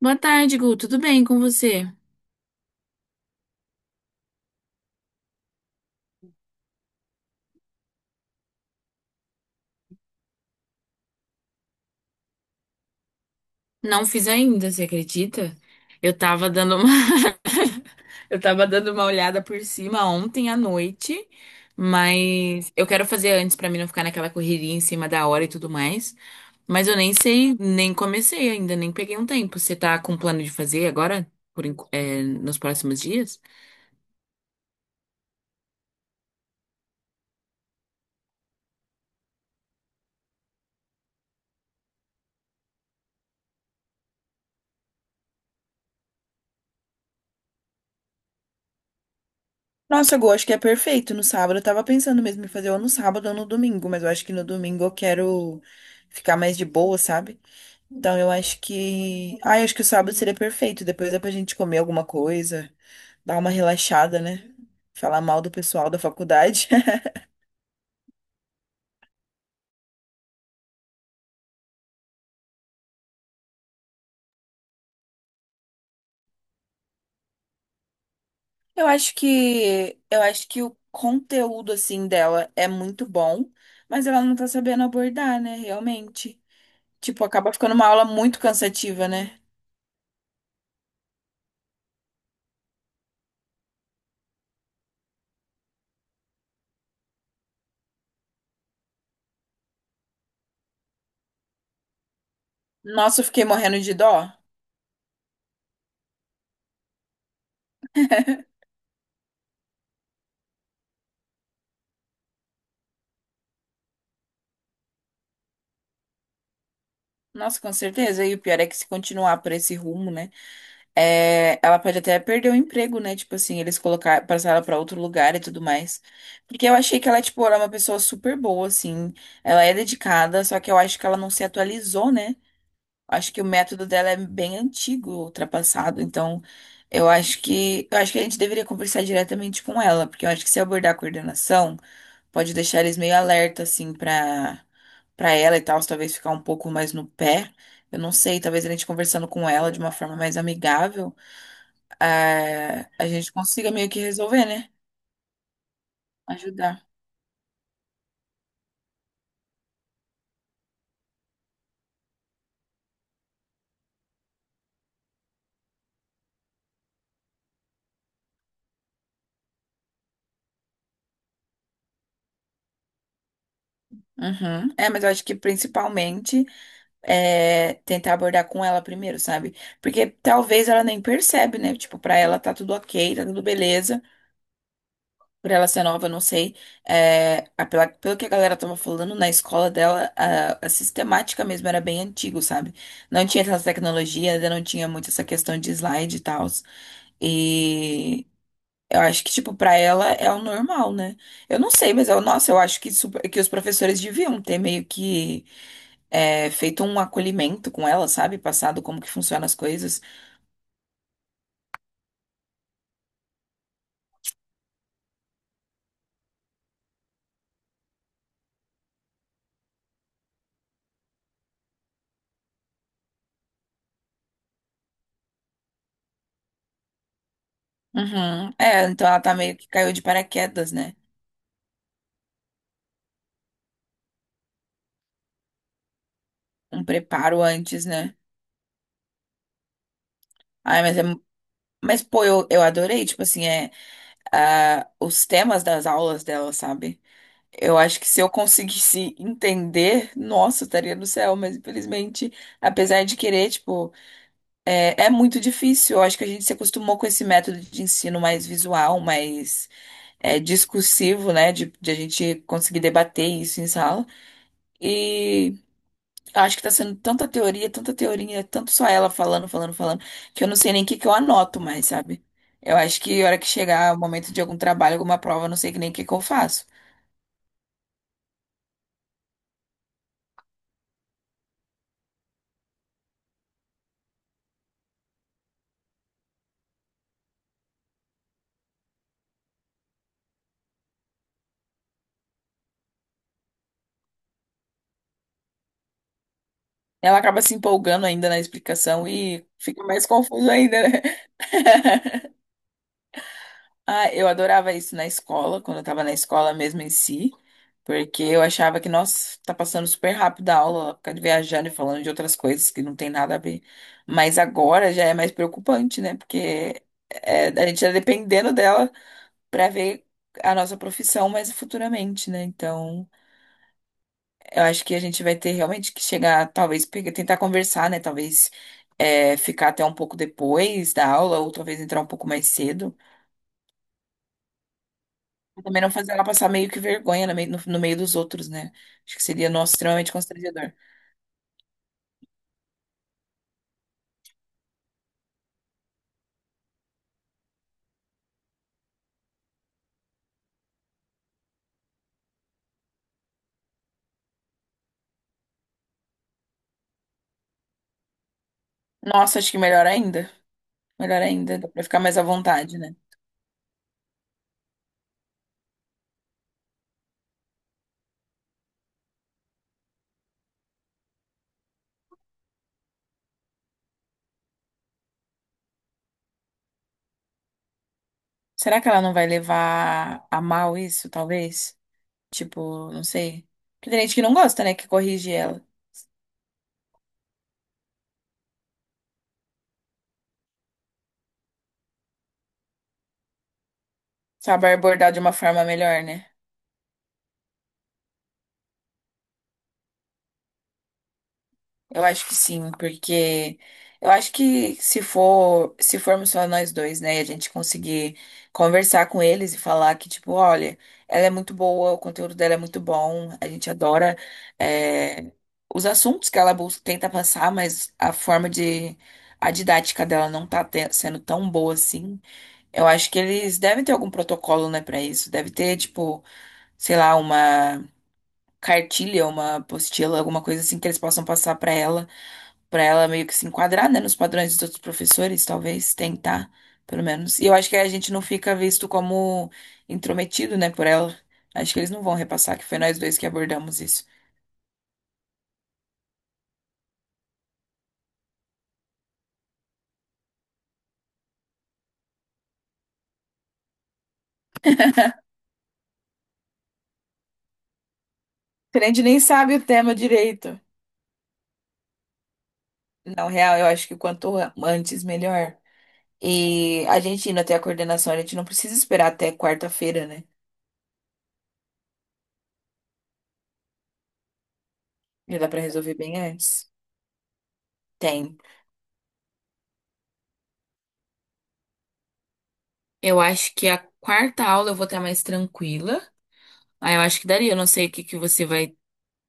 Boa tarde, Gu. Tudo bem com você? Não fiz ainda, você acredita? Eu tava dando uma eu tava dando uma olhada por cima ontem à noite, mas eu quero fazer antes pra mim não ficar naquela correria em cima da hora e tudo mais. Mas eu nem sei, nem comecei ainda, nem peguei um tempo. Você tá com plano de fazer agora, nos próximos dias? Nossa, Gu, acho que é perfeito. No sábado, eu tava pensando mesmo em fazer ou no sábado ou no domingo, mas eu acho que no domingo eu quero ficar mais de boa, sabe? Então, eu acho que o sábado seria perfeito. Depois dá pra gente comer alguma coisa, dar uma relaxada, né? Falar mal do pessoal da faculdade. Eu acho que o conteúdo, assim, dela é muito bom, mas ela não tá sabendo abordar, né? Realmente. Tipo, acaba ficando uma aula muito cansativa, né? Nossa, eu fiquei morrendo de dó. Nossa, com certeza. E o pior é que se continuar por esse rumo, né? É, ela pode até perder o emprego, né? Tipo assim, eles colocar, passar ela pra outro lugar e tudo mais. Porque eu achei que ela, tipo, era uma pessoa super boa, assim. Ela é dedicada, só que eu acho que ela não se atualizou, né? Acho que o método dela é bem antigo, ultrapassado. Então, eu acho que a gente deveria conversar diretamente com ela, porque eu acho que se abordar a coordenação, pode deixar eles meio alerta, assim, pra ela e tal, talvez ficar um pouco mais no pé. Eu não sei, talvez a gente conversando com ela de uma forma mais amigável a gente consiga meio que resolver, né? Ajudar. Uhum. É, mas eu acho que principalmente é tentar abordar com ela primeiro, sabe? Porque talvez ela nem percebe, né? Tipo, pra ela tá tudo ok, tá tudo beleza. Por ela ser nova, eu não sei. É, pelo que a galera tava falando, na escola dela, a sistemática mesmo era bem antigo, sabe? Não tinha essas tecnologias, ainda não tinha muito essa questão de slide e tal. e Eu acho que, tipo, pra ela é o normal, né? Eu não sei, mas eu, nossa, eu acho que, super- que os professores deviam ter meio que feito um acolhimento com ela, sabe? Passado como que funcionam as coisas. Uhum. É, então ela tá meio que caiu de paraquedas, né? Um preparo antes, né? Ai, mas é. Mas, pô, eu adorei, tipo assim, os temas das aulas dela, sabe? Eu acho que se eu conseguisse entender, nossa, eu estaria no céu, mas infelizmente, apesar de querer, tipo. É, é muito difícil. Eu acho que a gente se acostumou com esse método de ensino mais visual, mais discursivo, né? De a gente conseguir debater isso em sala. E acho que tá sendo tanta teoria, tanto só ela falando, falando, falando, que eu não sei nem o que que eu anoto mais, sabe? Eu acho que a hora que chegar o momento de algum trabalho, alguma prova, eu não sei nem o que que eu faço. Ela acaba se empolgando ainda na explicação e fica mais confuso ainda, né? Ah, eu adorava isso na escola, quando eu tava na escola mesmo em si. Porque eu achava que, nossa, tá passando super rápido a aula, ficar viajando e falando de outras coisas que não tem nada a ver. Mas agora já é mais preocupante, né? Porque a gente tá dependendo dela pra ver a nossa profissão mais futuramente, né? Então, eu acho que a gente vai ter realmente que chegar, talvez, tentar conversar, né? Talvez ficar até um pouco depois da aula, ou talvez entrar um pouco mais cedo. Pra também não fazer ela passar meio que vergonha no meio, no no meio dos outros, né? Acho que seria, nossa, extremamente constrangedor. Nossa, acho que melhor ainda. Melhor ainda, dá pra ficar mais à vontade, né? Será que ela não vai levar a mal isso, talvez? Tipo, não sei. Porque tem gente que não gosta, né? Que corrige ela. Sabe abordar de uma forma melhor, né? Eu acho que sim, porque eu acho que se formos só nós dois, né, e a gente conseguir conversar com eles e falar que, tipo, olha, ela é muito boa, o conteúdo dela é muito bom, a gente adora, é, os assuntos que ela busca, tenta passar, mas a didática dela não tá sendo tão boa assim. Eu acho que eles devem ter algum protocolo, né, pra isso. Deve ter, tipo, sei lá, uma cartilha, uma apostila, alguma coisa assim que eles possam passar pra ela pra ela meio que se enquadrar, né, nos padrões dos outros professores, talvez tentar, pelo menos. E eu acho que a gente não fica visto como intrometido, né, por ela. Acho que eles não vão repassar que foi nós dois que abordamos isso. A gente nem sabe o tema direito. Não, real, eu acho que quanto antes, melhor. E a gente indo até a coordenação, a gente não precisa esperar até quarta-feira, né? Já dá pra resolver bem antes. Tem. Eu acho que a quarta aula eu vou estar mais tranquila. Aí eu acho que daria. Eu não sei o que que você vai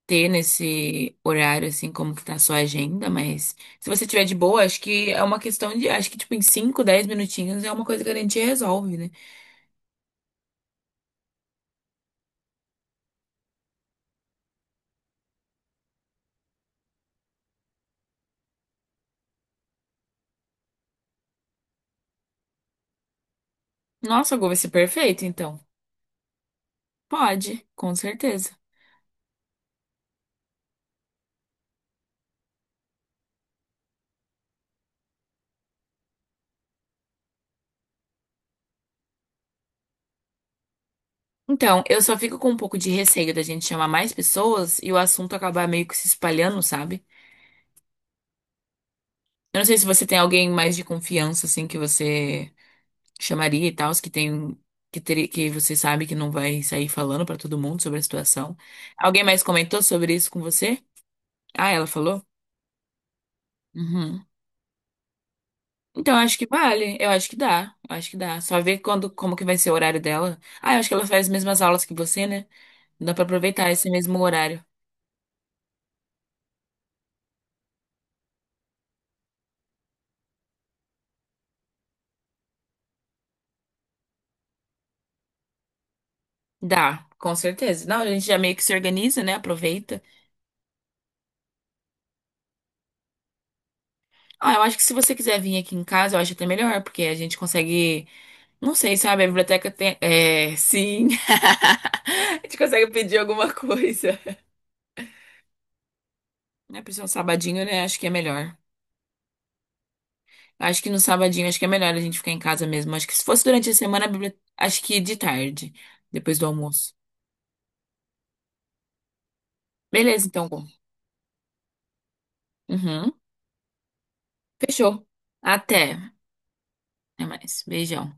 ter nesse horário, assim, como que tá a sua agenda, mas se você tiver de boa, acho que é uma questão de, acho que, tipo, em 5 10 minutinhos é uma coisa que a gente resolve, né? Nossa, Gu, vai ser perfeito, então. Pode, com certeza. Então, eu só fico com um pouco de receio da gente chamar mais pessoas e o assunto acabar meio que se espalhando, sabe? Eu não sei se você tem alguém mais de confiança, assim, que você chamaria e tal, os que tem, que, ter, que você sabe que não vai sair falando pra todo mundo sobre a situação. Alguém mais comentou sobre isso com você? Ah, ela falou? Uhum. Então, acho que vale. Eu acho que dá. Só ver quando, como que vai ser o horário dela. Ah, eu acho que ela faz as mesmas aulas que você, né? Dá pra aproveitar esse mesmo horário. Dá, com certeza. Não, a gente já meio que se organiza, né? Aproveita. Ah, eu acho que se você quiser vir aqui em casa, eu acho até melhor, porque a gente consegue. Não sei, sabe? A biblioteca tem. É, sim. A gente consegue pedir alguma coisa. Né? Pra ser um sabadinho, né? Acho que é melhor. Acho que no sabadinho, acho que é melhor a gente ficar em casa mesmo. Acho que se fosse durante a semana, acho que de tarde, depois do almoço. Beleza, então. Gu. Uhum. Fechou. Até. Até mais. Beijão.